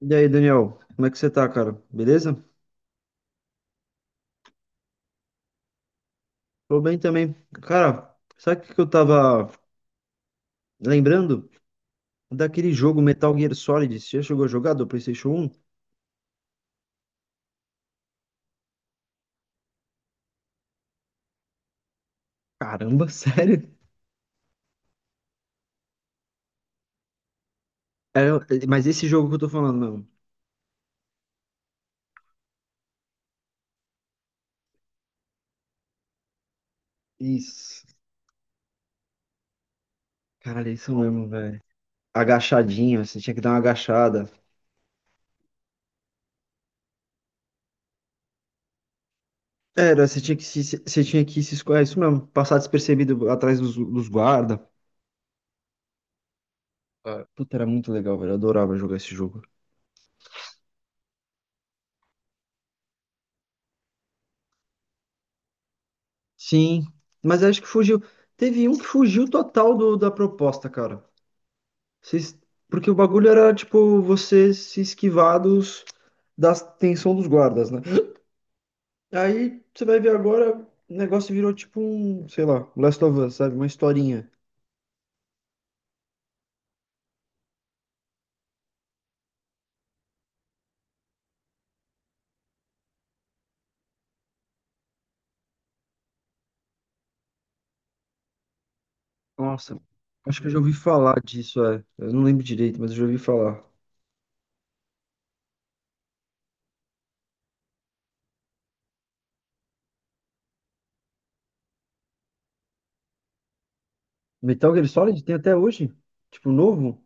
E aí, Daniel, como é que você tá, cara? Beleza? Tô bem também. Cara, sabe o que que eu tava lembrando? Daquele jogo Metal Gear Solid. Você já chegou a jogar do PlayStation um? Caramba, sério? Era- mas esse jogo que eu tô falando, não. Isso. Caralho, é isso mesmo, velho. Agachadinho, você tinha que dar uma agachada. Era, você tinha que você tinha que se esco- é isso mesmo, passar despercebido atrás dos guarda. Ah, puta, era muito legal, velho. Eu adorava jogar esse jogo. Sim, mas acho que fugiu. Teve um que fugiu total da proposta, cara. Vocês- porque o bagulho era, tipo, você se esquivar da tensão dos guardas, né? Aí você vai ver agora, o negócio virou tipo um, sei lá, Last of Us, sabe? Uma historinha. Nossa, acho que eu já ouvi falar disso, é. Eu não lembro direito, mas eu já ouvi falar. Metal Gear Solid tem até hoje? Tipo, novo?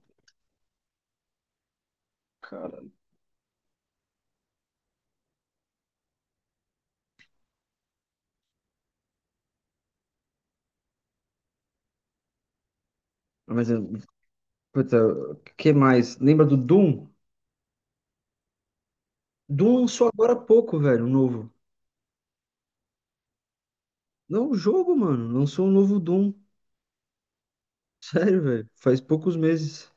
Cara, Mas, eu- puta, o que mais? Lembra do Doom? Doom lançou agora há pouco, velho, um novo. Não, o jogo, mano. Lançou um novo Doom. Sério, velho. Faz poucos meses.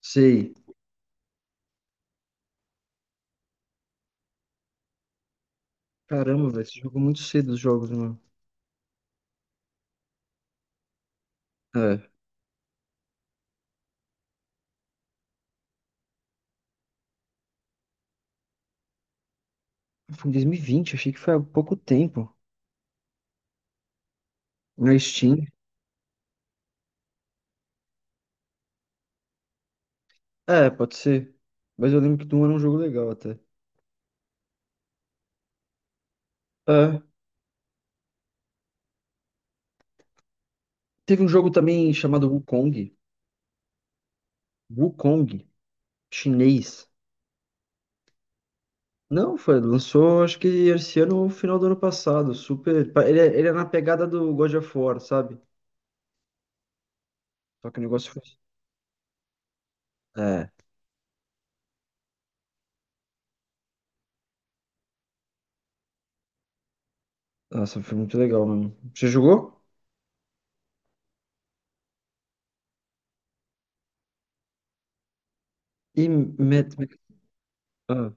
Sei. Caramba, velho. Você jogou muito cedo os jogos, mano. É. Foi em 2020. Achei que foi há pouco tempo. Na Steam. É, pode ser. Mas eu lembro que Doom era um jogo legal até. É. Teve um jogo também chamado Wukong. Wukong. Chinês. Não, foi. Lançou, acho que esse ano ou final do ano passado. Super. Ele é na pegada do God of War, sabe? Só que o negócio foi. É. Nossa, foi muito legal, mano. Você jogou? E Matt, ah,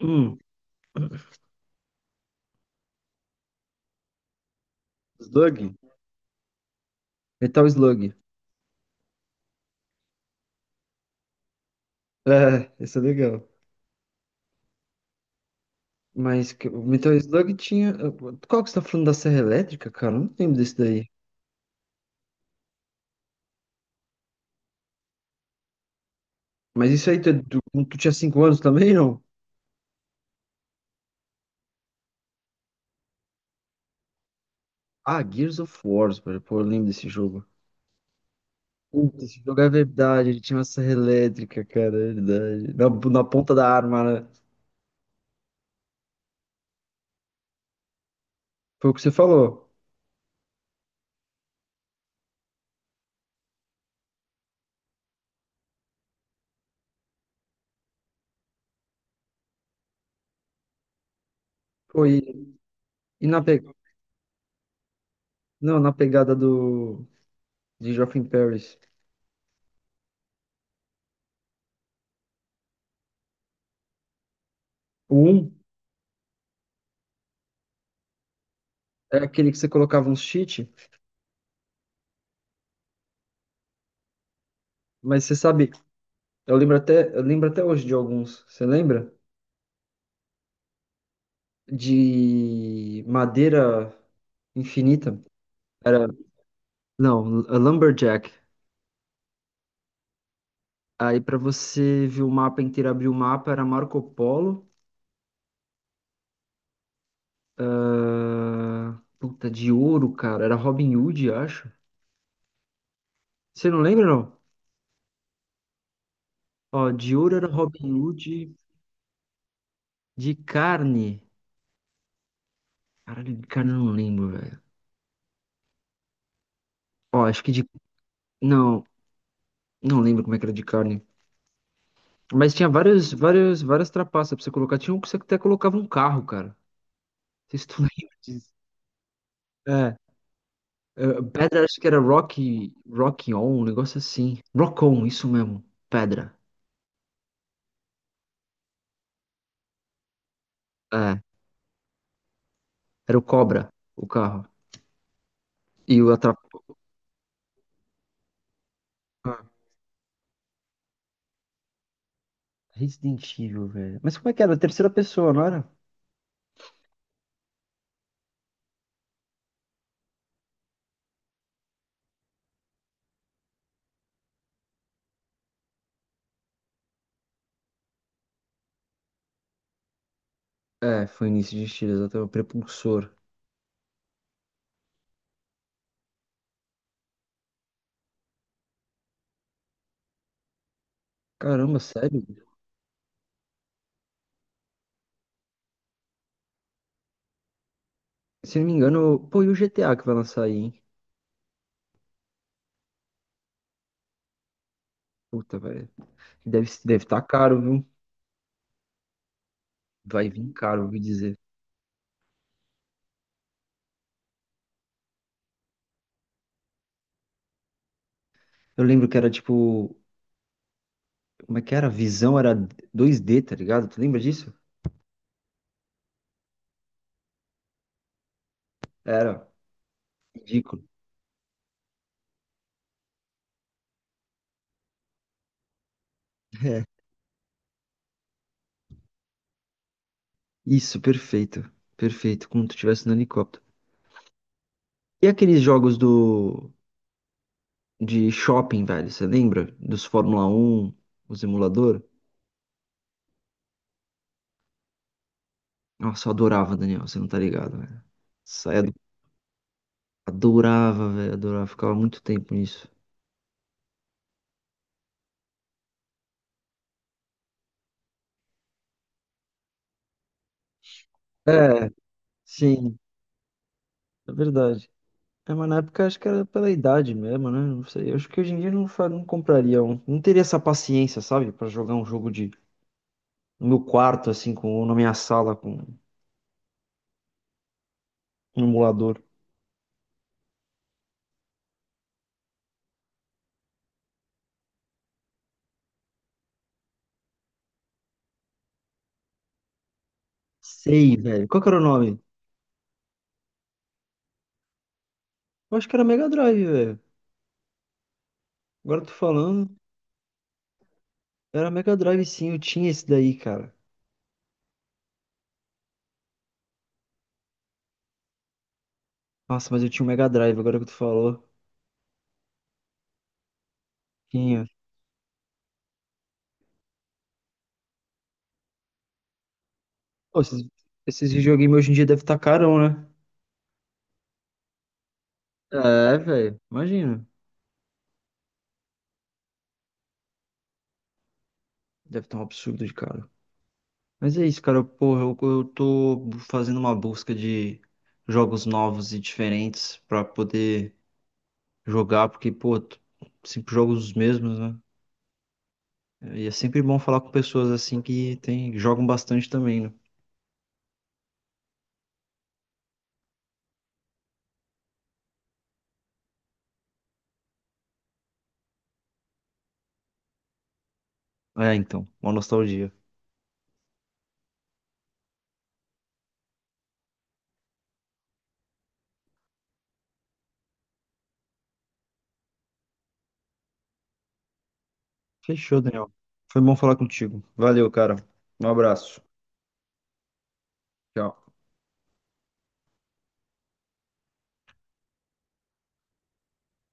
hum, Slug? Metal Slug. É, isso é legal. O Metal Slug tinha. Qual que você tá falando da Serra Elétrica, cara? Eu não lembro desse daí. Mas isso aí, tu, é, tu tinha 5 anos também, não? Ah, Gears of War, velho. Pô, eu lembro desse jogo. Puta, esse jogo é verdade. Ele tinha uma serra elétrica, cara, é verdade. Na ponta da arma, né? Foi o que você falou. Foi. E na, pe... não, na pegada do. De Geoff in Paris. O 1 é aquele que você colocava uns cheat. Mas você sabe, eu lembro até hoje de alguns. Você lembra? De madeira infinita. Era, não, Lumberjack. Aí pra você ver o mapa inteiro, abrir o mapa, era Marco Polo. Ah, puta, de ouro, cara. Era Robin Hood, acho. Você não lembra, não? Ó, de ouro era Robin Hood. De carne. Caralho, de carne eu não lembro, velho. Ó, acho que de. Não, não lembro como é que era de carne. Mas tinha várias trapaças pra você colocar. Tinha um que você até colocava um carro, cara. Não sei se tu lembra disso. É, é, pedra, acho que era Rock On, um negócio assim. Rock On, isso mesmo. Pedra. É, era o Cobra, o carro. E o atrap... Ah, Resident Evil, velho. Mas como é que era? Terceira pessoa, não era? É, foi início de estilo, até O Prepulsor. Caramba, sério? Se não me engano, pô, e o GTA que vai lançar aí, hein? Puta, velho. Deve estar caro, viu? Vai vir caro, ouvi dizer. Eu lembro que era tipo. Como é que era? A visão era 2D, tá ligado? Tu lembra disso? Era ridículo. Isso, perfeito. Perfeito, como tu estivesse no helicóptero. E aqueles jogos do de shopping, velho, você lembra? Dos Fórmula Um, os emulador? Nossa, eu adorava, Daniel, você não tá ligado, velho. Saia do... Adorava, velho, adorava. Ficava muito tempo nisso. É, sim, é verdade. É, mas na época acho que era pela idade mesmo, né? Não sei. Eu acho que hoje em dia eu não compraria um. Não teria essa paciência, sabe? Pra jogar um jogo de no meu quarto, assim, com, ou na minha sala, com um emulador. Sei, velho. Qual que era o nome? Eu acho que era Mega Drive, velho. Agora eu tô falando. Era Mega Drive, sim. Eu tinha esse daí, cara. Nossa, mas eu tinha um Mega Drive, agora que tu falou. Tinha. Pô, esses videogames hoje em dia devem estar carão, né? É, velho. Imagina. Deve estar um absurdo de caro. Mas é isso, cara. Porra, eu tô fazendo uma busca de jogos novos e diferentes pra poder jogar, porque, pô, sempre jogos os mesmos, né? E é sempre bom falar com pessoas assim que tem, jogam bastante também, né? Ah, é, então, uma nostalgia. Fechou, Daniel. Foi bom falar contigo. Valeu, cara. Um abraço. Tchau.